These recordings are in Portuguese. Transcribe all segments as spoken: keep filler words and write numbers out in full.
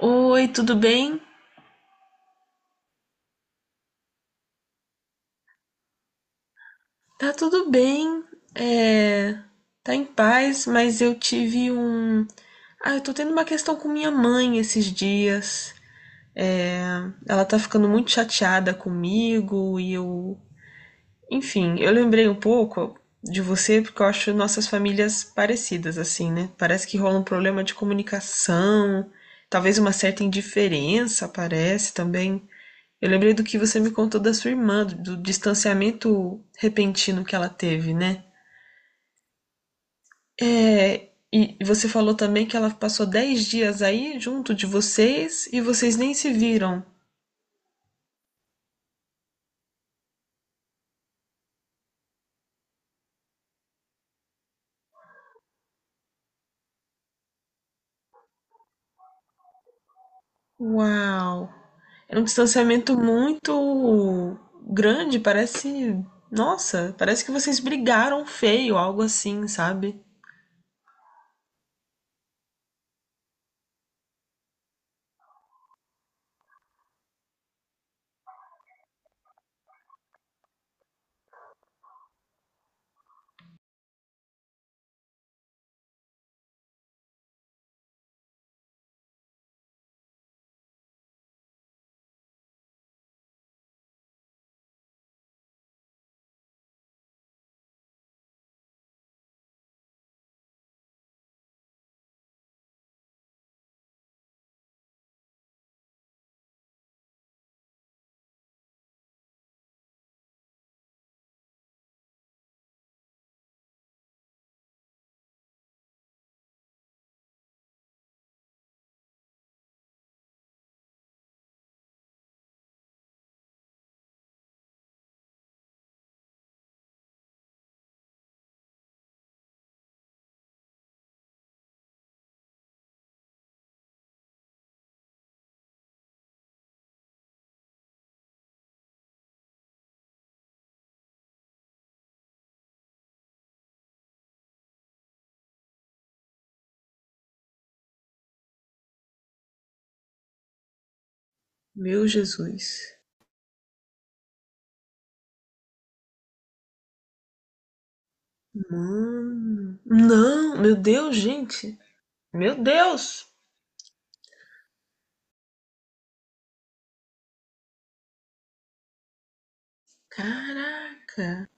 Oi, tudo bem? Tá tudo bem, é, tá em paz, mas eu tive um. Ah, eu tô tendo uma questão com minha mãe esses dias. É, ela tá ficando muito chateada comigo e eu. Enfim, eu lembrei um pouco de você porque eu acho nossas famílias parecidas, assim, né? Parece que rola um problema de comunicação, talvez uma certa indiferença, parece também. Eu lembrei do que você me contou da sua irmã, do do distanciamento repentino que ela teve, né? É, e você falou também que ela passou dez dias aí junto de vocês e vocês nem se viram. Uau! É um distanciamento muito grande, parece. Nossa, parece que vocês brigaram feio, algo assim, sabe? Meu Jesus. Mano. Não, meu Deus, gente. Meu Deus! Caraca!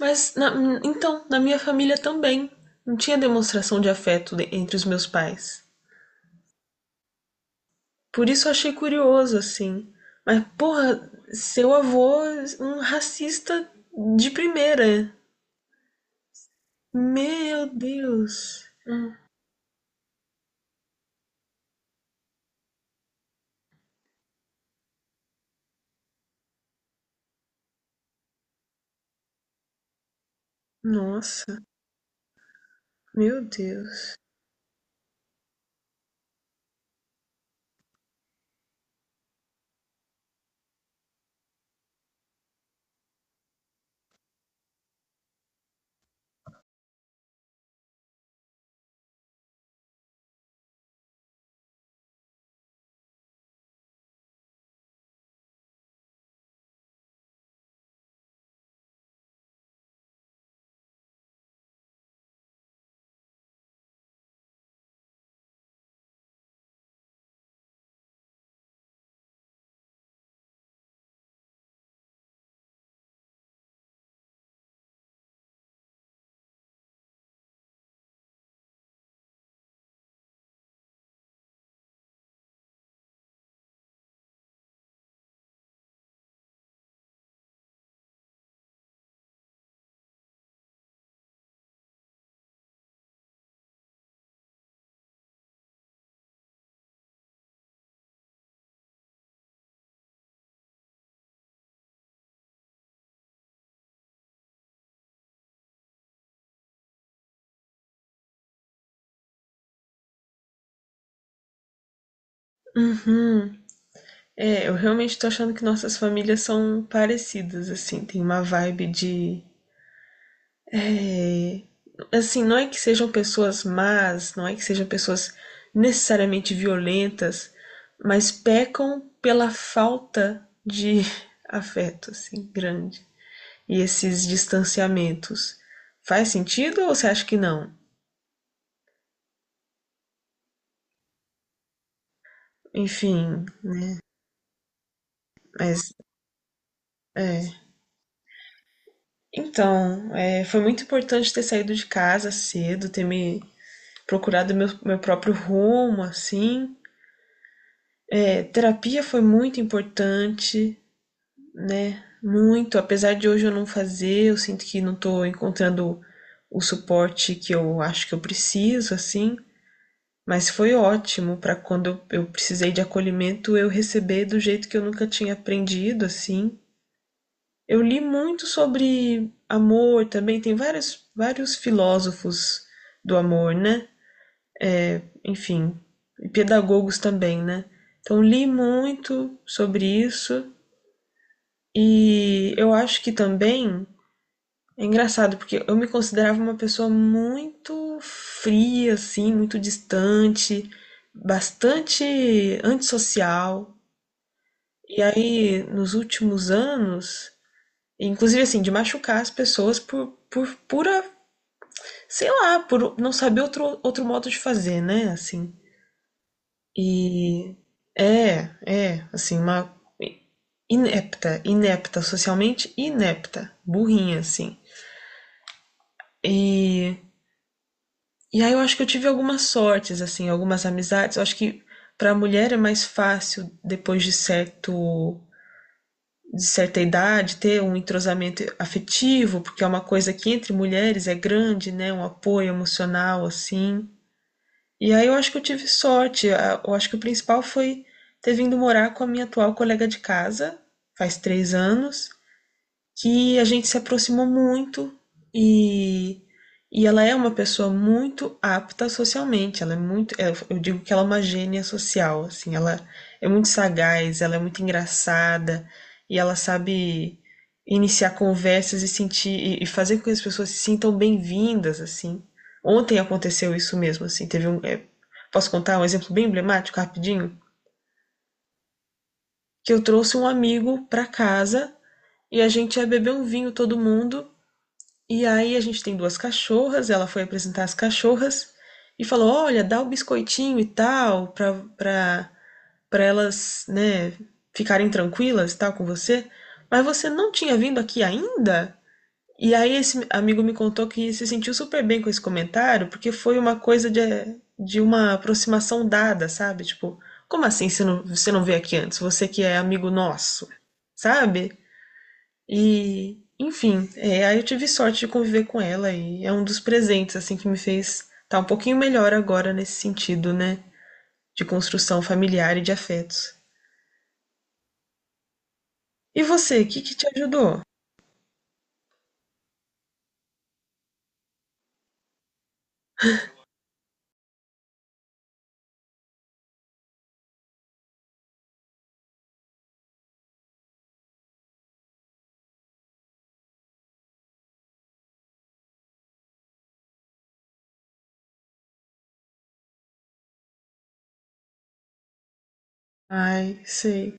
Mas, na- então, na minha família também. Não tinha demonstração de afeto de- entre os meus pais. Por isso eu achei curioso, assim. Mas, porra, seu avô, é um racista de primeira. Meu Deus. Hum. Nossa, meu Deus. Uhum. É, eu realmente tô achando que nossas famílias são parecidas, assim. Tem uma vibe de... É... Assim, não é que sejam pessoas más, não é que sejam pessoas necessariamente violentas, mas pecam pela falta de afeto, assim, grande. E esses distanciamentos. Faz sentido ou você acha que não? Enfim, mas é. Então, é, foi muito importante ter saído de casa cedo, ter me procurado meu, meu próprio rumo, assim. É, terapia foi muito importante, né? Muito. Apesar de hoje eu não fazer, eu sinto que não tô encontrando o suporte que eu acho que eu preciso, assim. Mas foi ótimo para quando eu, eu precisei de acolhimento, eu receber do jeito que eu nunca tinha aprendido, assim. Eu li muito sobre amor também, tem vários, vários filósofos do amor, né? Enfim, e pedagogos também, né? Então li muito sobre isso e eu acho que também... É engraçado, porque eu me considerava uma pessoa muito fria, assim, muito distante, bastante antissocial. E aí, nos últimos anos, inclusive assim, de machucar as pessoas por, por pura, sei lá, por não saber outro, outro modo de fazer, né? Assim. E é, é, assim, uma inepta, inepta, socialmente inepta, burrinha, assim. E... E aí eu acho que eu tive algumas sortes, assim, algumas amizades. Eu acho que para a mulher é mais fácil, depois de certo, de certa idade, ter um entrosamento afetivo, porque é uma coisa que entre mulheres é grande, né? Um apoio emocional, assim. E aí eu acho que eu tive sorte. A- Eu acho que o principal foi ter vindo morar com a minha atual colega de casa, faz três anos que a gente se aproximou muito e, e ela é uma pessoa muito apta socialmente. Ela é muito, é, eu digo que ela é uma gênia social, assim, ela é muito sagaz, ela é muito engraçada e ela sabe iniciar conversas e sentir e- e fazer com que as pessoas se sintam bem-vindas, assim. Ontem aconteceu isso mesmo, assim, teve um, é, posso contar um exemplo bem emblemático, rapidinho? Que eu trouxe um amigo para casa e a gente ia beber um vinho todo mundo. E aí a gente tem duas cachorras, ela foi apresentar as cachorras e falou: "Olha, dá o biscoitinho e tal pra para para elas, né, ficarem tranquilas e tal com você, mas você não tinha vindo aqui ainda?" E aí esse amigo me contou que se sentiu super bem com esse comentário, porque foi uma coisa de, de uma aproximação dada, sabe? Tipo, como assim você não, você não veio aqui antes? Você que é amigo nosso, sabe? E, enfim, é, aí eu tive sorte de conviver com ela e é um dos presentes assim que me fez estar um pouquinho melhor agora nesse sentido, né, de construção familiar e de afetos. E você, o que que te ajudou? Ai, sei.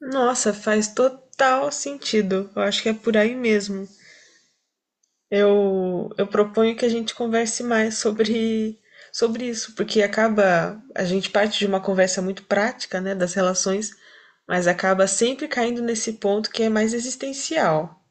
Nossa, faz total sentido. Eu acho que é por aí mesmo. Eu, eu proponho que a gente converse mais sobre, sobre isso, porque acaba a gente parte de uma conversa muito prática, né, das relações, mas acaba sempre caindo nesse ponto que é mais existencial,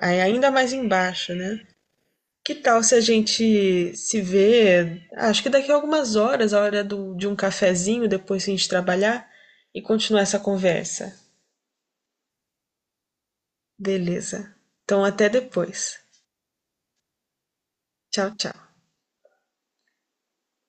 é é ainda mais embaixo, né? Que tal se a gente se vê, acho que daqui a algumas horas, a hora do- de um cafezinho, depois que a gente trabalhar, e continuar essa conversa? Beleza. Então, até depois. Tchau, tchau.